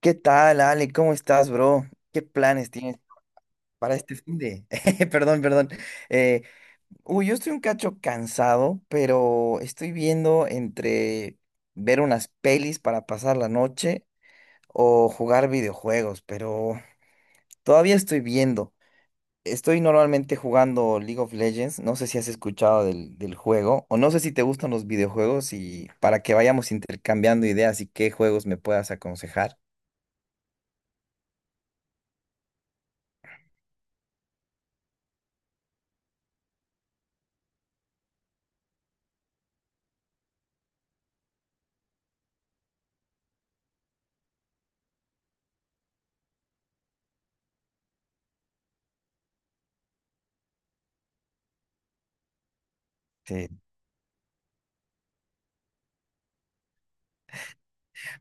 ¿Qué tal, Ale? ¿Cómo estás, bro? ¿Qué planes tienes para este fin de? Perdón, perdón. Eh, yo estoy un cacho cansado, pero estoy viendo entre ver unas pelis para pasar la noche o jugar videojuegos, pero todavía estoy viendo. Estoy normalmente jugando League of Legends. No sé si has escuchado del juego o no sé si te gustan los videojuegos y para que vayamos intercambiando ideas y qué juegos me puedas aconsejar. Sí.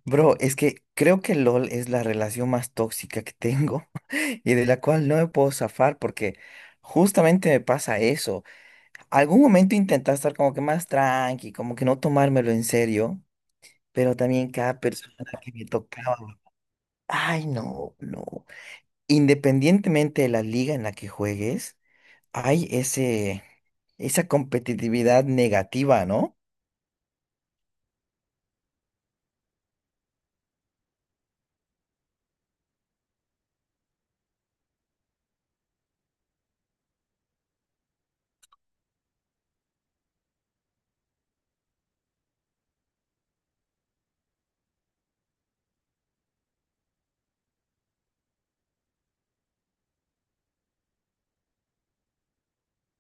Bro, es que creo que LOL es la relación más tóxica que tengo y de la cual no me puedo zafar porque justamente me pasa eso. Algún momento intenté estar como que más tranqui, como que no tomármelo en serio, pero también cada persona que me tocaba, ay no, no. Independientemente de la liga en la que juegues, hay ese, esa competitividad negativa, ¿no?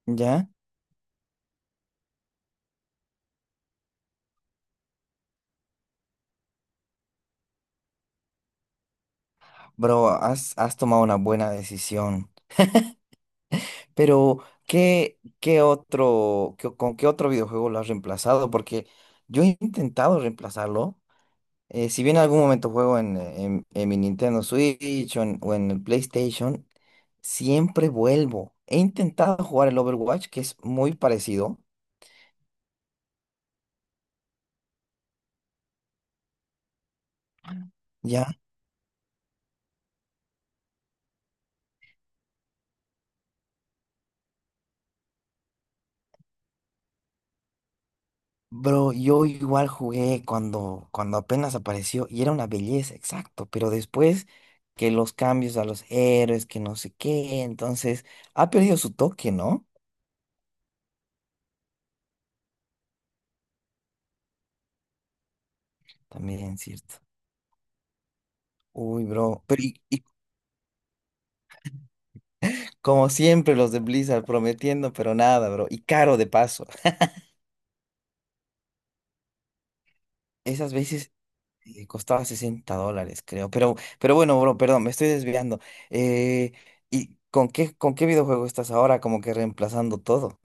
¿Ya? Bro, has tomado una buena decisión. Pero, ¿con qué otro videojuego lo has reemplazado? Porque yo he intentado reemplazarlo. Si bien en algún momento en mi Nintendo Switch o en el PlayStation, siempre vuelvo. He intentado jugar el Overwatch, que es muy parecido. ¿Ya? Bro, yo igual jugué cuando apenas apareció y era una belleza, exacto. Pero después que los cambios a los héroes, que no sé qué, entonces ha perdido su toque, ¿no? También, cierto. Uy, bro. Como siempre, los de Blizzard prometiendo, pero nada, bro. Y caro de paso. Esas veces costaba 60 dólares, creo. Pero bueno, bro, perdón, me estoy desviando. Eh, ¿Y con qué videojuego estás ahora? Como que reemplazando todo.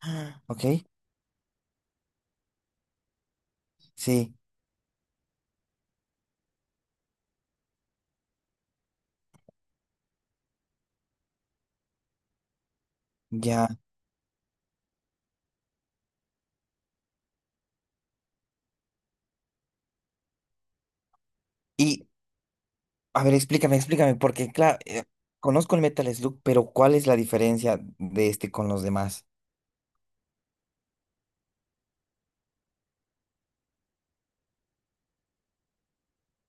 Ah, ¿ok? Sí, ya. Y, a ver, explícame, explícame, porque, claro, conozco el Metal Slug, pero ¿cuál es la diferencia de este con los demás?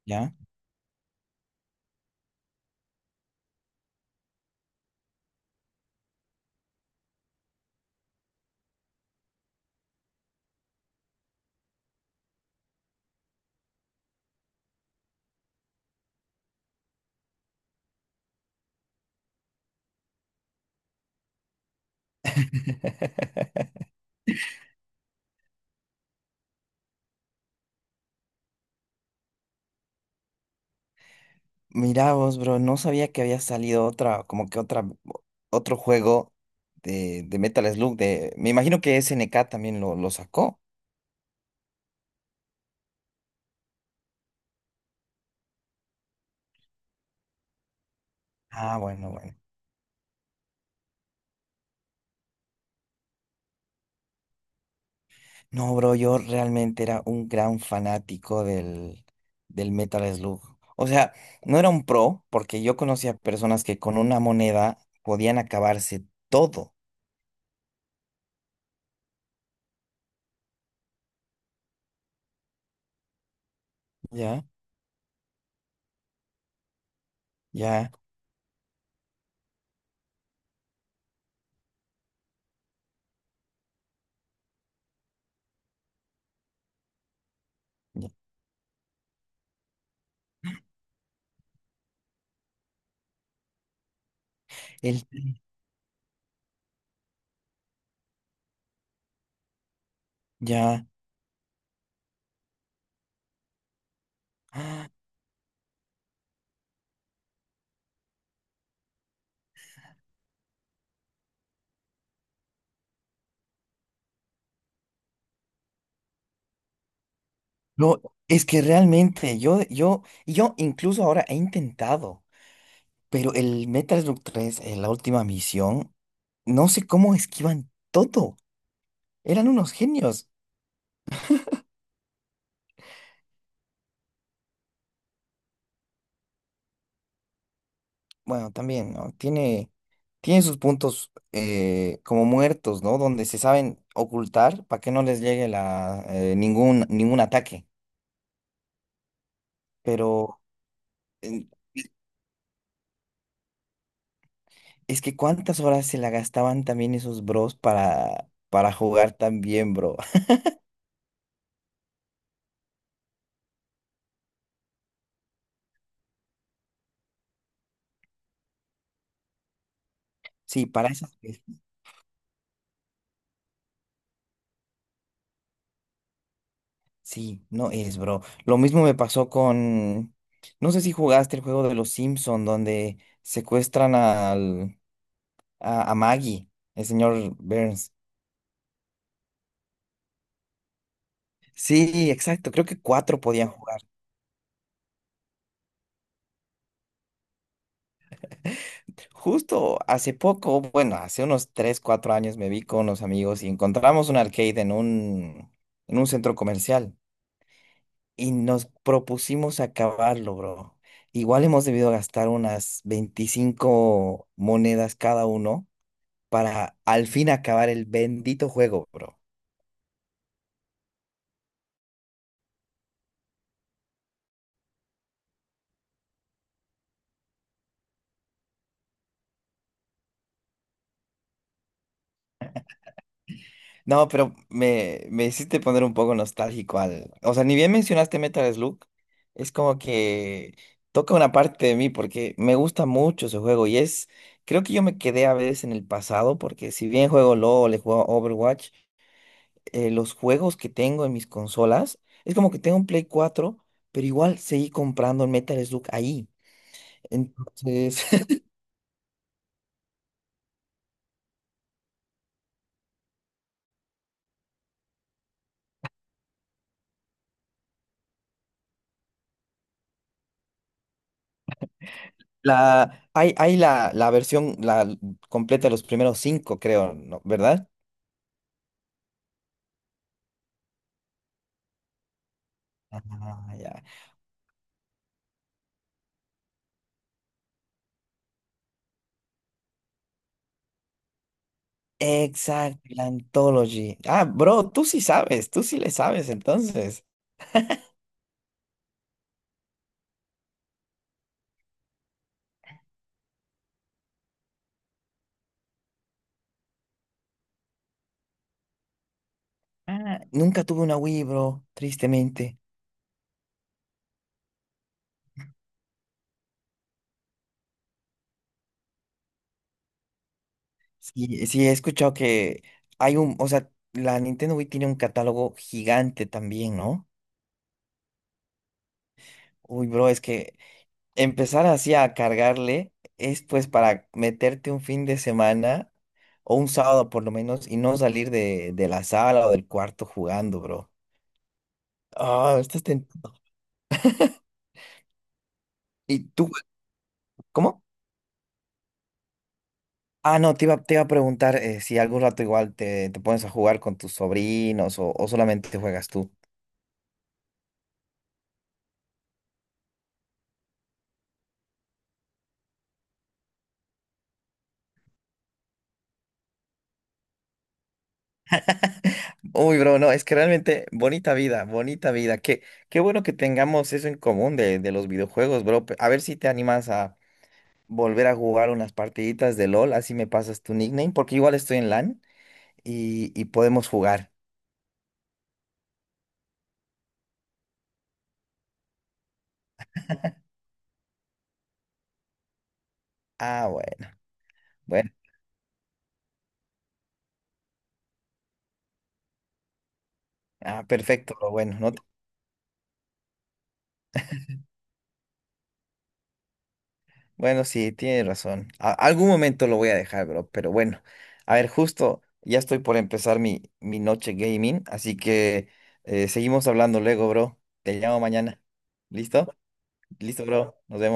¿Ya? Mirá vos, bro, no sabía que había salido otra, como que otra, otro juego de Metal Slug, de, me imagino que SNK también lo sacó. Ah, bueno, bueno. No, bro, yo realmente era un gran fanático del Metal Slug. O sea, no era un pro, porque yo conocía personas que con una moneda podían acabarse todo. Ya, ya, ya. El, ya. Ah, no, es que realmente yo incluso ahora he intentado. Pero el Metal Slug 3 en la última misión, no sé cómo esquivan todo. Eran unos genios. Bueno, también, ¿no? Tiene, tiene sus puntos como muertos, ¿no? Donde se saben ocultar para que no les llegue ningún, ningún ataque. Pero eh, es que cuántas horas se la gastaban también esos bros para jugar tan bien, bro. Sí, para esas. Sí, no es, bro. Lo mismo me pasó con, no sé si jugaste el juego de los Simpson donde secuestran al, a Maggie, el señor Burns. Sí, exacto, creo que cuatro podían jugar. Justo hace poco, bueno, hace unos tres, cuatro años me vi con unos amigos y encontramos un arcade en un centro comercial y nos propusimos acabarlo, bro. Igual hemos debido gastar unas 25 monedas cada uno para al fin acabar el bendito juego, bro. No, pero me hiciste poner un poco nostálgico al... O sea, ni bien mencionaste Metal Slug, es como que toca una parte de mí porque me gusta mucho ese juego y es... Creo que yo me quedé a veces en el pasado porque si bien juego LOL, le juego Overwatch, los juegos que tengo en mis consolas, es como que tengo un Play cuatro, pero igual seguí comprando el Metal Slug ahí. Entonces... la versión la completa de los primeros cinco, creo, ¿no? ¿Verdad? Ah, ya. Exacto, la Anthology. Ah, bro, tú sí sabes, tú sí le sabes, entonces. Ah, nunca tuve una Wii, bro, tristemente. Sí, sí, he escuchado que hay un, o sea, la Nintendo Wii tiene un catálogo gigante también, ¿no? Uy, bro, es que empezar así a cargarle es pues para meterte un fin de semana o un sábado por lo menos y no salir de la sala o del cuarto jugando, bro. Ah, estás tentado. ¿Y tú? ¿Cómo? Ah, no, te iba a preguntar si algún rato igual te pones a jugar con tus sobrinos o solamente juegas tú. Uy, bro, no, es que realmente bonita vida, bonita vida. Qué, qué bueno que tengamos eso en común de los videojuegos, bro. A ver si te animas a volver a jugar unas partiditas de LOL, así me pasas tu nickname, porque igual estoy en LAN y podemos jugar. Ah, bueno, bueno, ah, perfecto, lo bueno, no, te- bueno, sí, tienes razón. A- algún momento lo voy a dejar, bro, pero bueno, a ver, justo ya estoy por empezar mi noche gaming, así que seguimos hablando luego, bro. Te llamo mañana. ¿Listo? Listo, bro. Nos vemos.